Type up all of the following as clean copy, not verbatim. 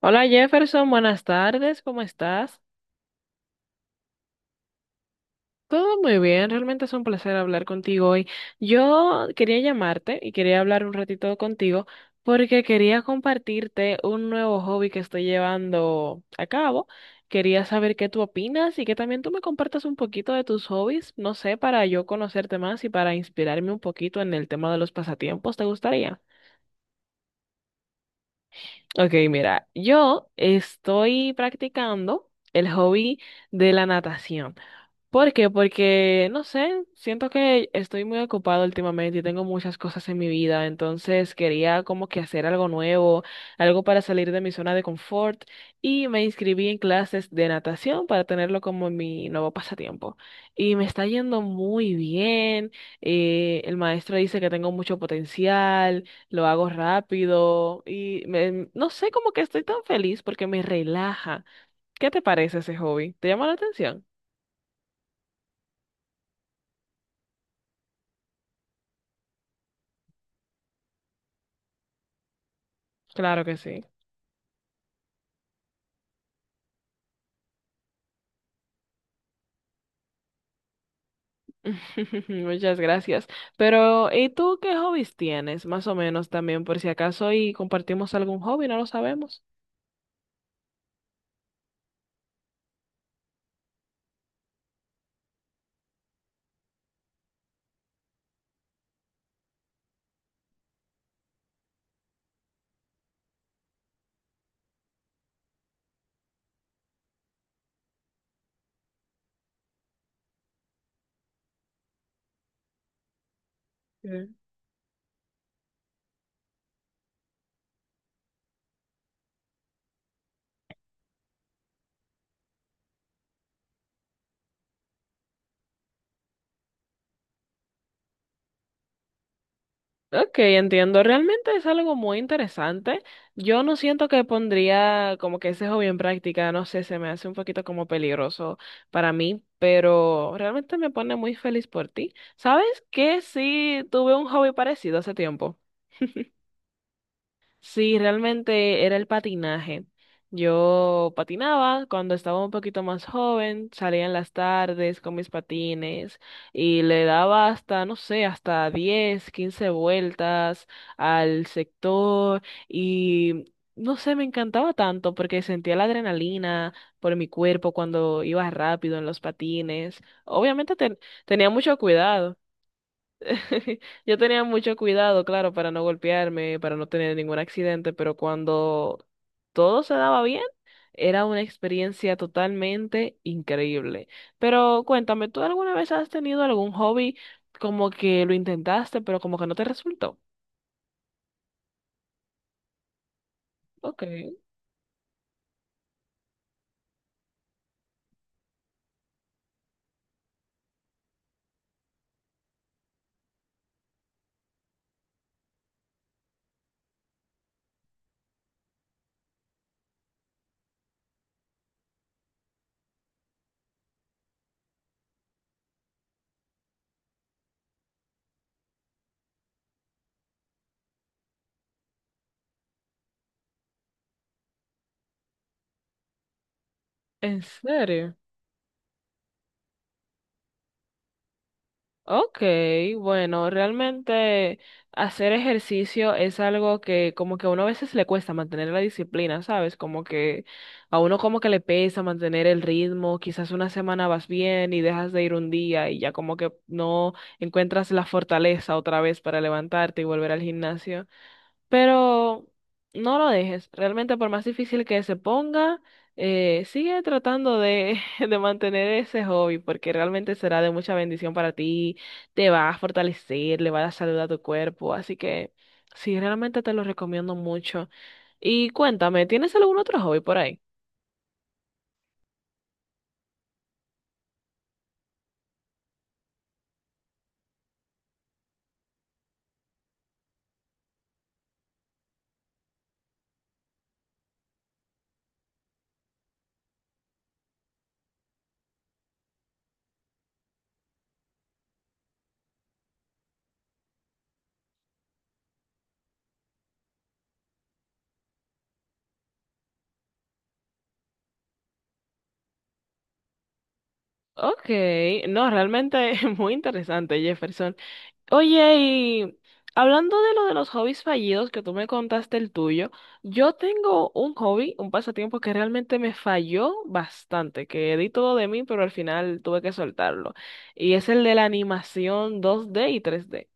Hola Jefferson, buenas tardes, ¿cómo estás? Todo muy bien, realmente es un placer hablar contigo hoy. Yo quería llamarte y quería hablar un ratito contigo porque quería compartirte un nuevo hobby que estoy llevando a cabo. Quería saber qué tú opinas y que también tú me compartas un poquito de tus hobbies, no sé, para yo conocerte más y para inspirarme un poquito en el tema de los pasatiempos, ¿te gustaría? Ok, mira, yo estoy practicando el hobby de la natación. ¿Por qué? Porque, no sé, siento que estoy muy ocupado últimamente y tengo muchas cosas en mi vida, entonces quería como que hacer algo nuevo, algo para salir de mi zona de confort y me inscribí en clases de natación para tenerlo como mi nuevo pasatiempo. Y me está yendo muy bien, el maestro dice que tengo mucho potencial, lo hago rápido y no sé, como que estoy tan feliz porque me relaja. ¿Qué te parece ese hobby? ¿Te llama la atención? Claro que sí. Muchas gracias. Pero, ¿y tú qué hobbies tienes? Más o menos también, por si acaso, y compartimos algún hobby, no lo sabemos. Mm. Ok, entiendo. Realmente es algo muy interesante. Yo no siento que pondría como que ese hobby en práctica, no sé, se me hace un poquito como peligroso para mí, pero realmente me pone muy feliz por ti. ¿Sabes qué? Sí, tuve un hobby parecido hace tiempo. Sí, realmente era el patinaje. Yo patinaba cuando estaba un poquito más joven, salía en las tardes con mis patines y le daba hasta, no sé, hasta 10, 15 vueltas al sector y no sé, me encantaba tanto porque sentía la adrenalina por mi cuerpo cuando iba rápido en los patines. Obviamente tenía mucho cuidado. Yo tenía mucho cuidado, claro, para no golpearme, para no tener ningún accidente, pero cuando todo se daba bien, era una experiencia totalmente increíble. Pero cuéntame, ¿tú alguna vez has tenido algún hobby como que lo intentaste, pero como que no te resultó? Ok, ¿en serio? Ok, bueno, realmente hacer ejercicio es algo que como que a uno a veces le cuesta mantener la disciplina, ¿sabes? Como que a uno como que le pesa mantener el ritmo, quizás una semana vas bien y dejas de ir un día y ya como que no encuentras la fortaleza otra vez para levantarte y volver al gimnasio. Pero no lo dejes. Realmente, por más difícil que se ponga, sigue tratando de, de mantener ese hobby, porque realmente será de mucha bendición para ti. Te va a fortalecer, le va a dar salud a tu cuerpo. Así que sí, realmente te lo recomiendo mucho. Y cuéntame, ¿tienes algún otro hobby por ahí? Ok, no, realmente es muy interesante, Jefferson. Oye, y hablando de lo de los hobbies fallidos, que tú me contaste el tuyo, yo tengo un hobby, un pasatiempo que realmente me falló bastante, que di todo de mí, pero al final tuve que soltarlo. Y es el de la animación 2D y 3D.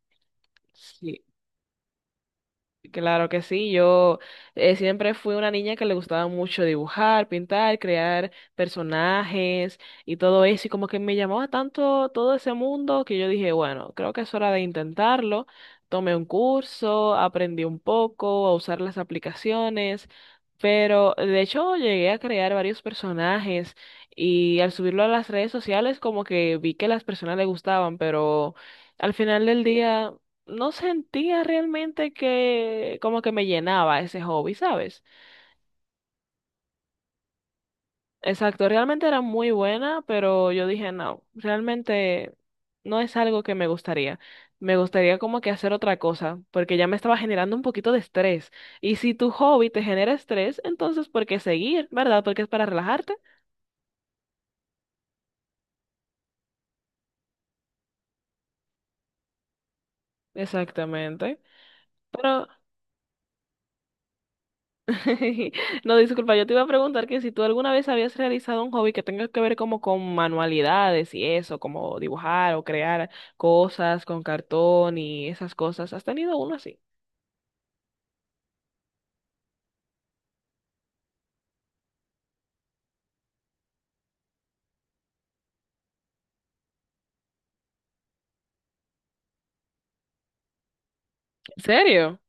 Sí. Claro que sí, yo siempre fui una niña que le gustaba mucho dibujar, pintar, crear personajes y todo eso, y como que me llamaba tanto todo ese mundo que yo dije, bueno, creo que es hora de intentarlo. Tomé un curso, aprendí un poco a usar las aplicaciones, pero de hecho llegué a crear varios personajes y al subirlo a las redes sociales como que vi que las personas le gustaban, pero... Al final del día no sentía realmente que como que me llenaba ese hobby, ¿sabes? Exacto, realmente era muy buena, pero yo dije, no, realmente no es algo que me gustaría. Me gustaría como que hacer otra cosa, porque ya me estaba generando un poquito de estrés. Y si tu hobby te genera estrés, entonces ¿por qué seguir, verdad? Porque es para relajarte. Exactamente. Pero no, disculpa, yo te iba a preguntar que si tú alguna vez habías realizado un hobby que tenga que ver como con manualidades y eso, como dibujar o crear cosas con cartón y esas cosas. ¿Has tenido uno así? ¿En serio?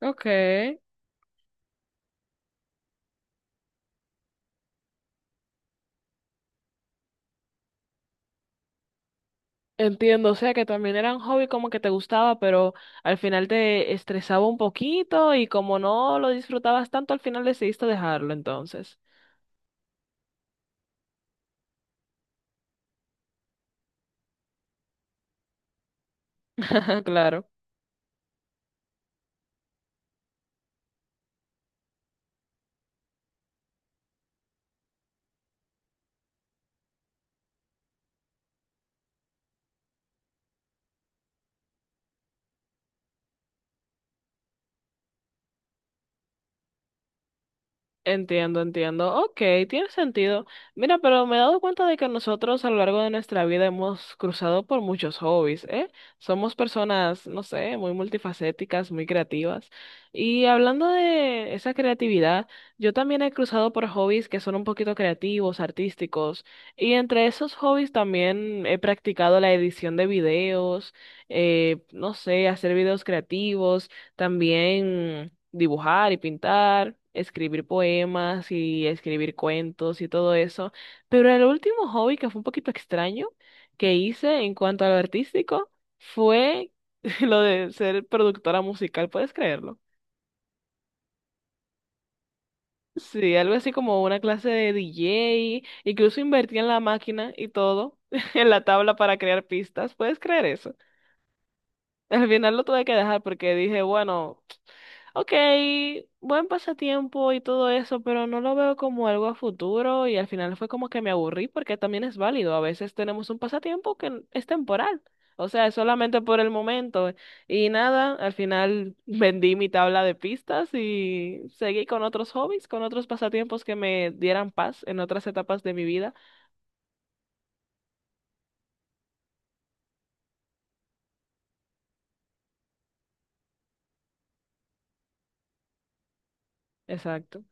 Ok. Entiendo, o sea que también era un hobby como que te gustaba, pero al final te estresaba un poquito y como no lo disfrutabas tanto, al final decidiste dejarlo entonces. Claro. Entiendo, entiendo. Ok, tiene sentido. Mira, pero me he dado cuenta de que nosotros a lo largo de nuestra vida hemos cruzado por muchos hobbies, ¿eh? Somos personas, no sé, muy multifacéticas, muy creativas. Y hablando de esa creatividad, yo también he cruzado por hobbies que son un poquito creativos, artísticos. Y entre esos hobbies también he practicado la edición de videos, no sé, hacer videos creativos también, dibujar y pintar, escribir poemas y escribir cuentos y todo eso. Pero el último hobby que fue un poquito extraño que hice en cuanto a lo artístico fue lo de ser productora musical, ¿puedes creerlo? Sí, algo así como una clase de DJ, incluso invertí en la máquina y todo, en la tabla para crear pistas, ¿puedes creer eso? Al final lo tuve que dejar porque dije, bueno, ok, buen pasatiempo y todo eso, pero no lo veo como algo a futuro y al final fue como que me aburrí porque también es válido. A veces tenemos un pasatiempo que es temporal, o sea, es solamente por el momento y nada, al final vendí mi tabla de pistas y seguí con otros hobbies, con otros pasatiempos que me dieran paz en otras etapas de mi vida. Exacto.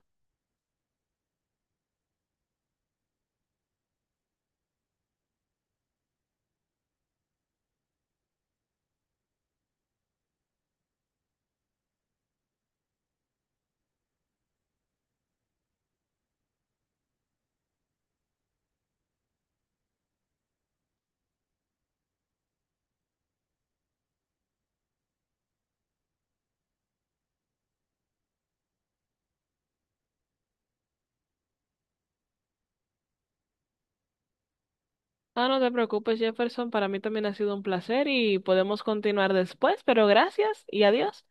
Ah, no te preocupes, Jefferson, para mí también ha sido un placer y podemos continuar después, pero gracias y adiós.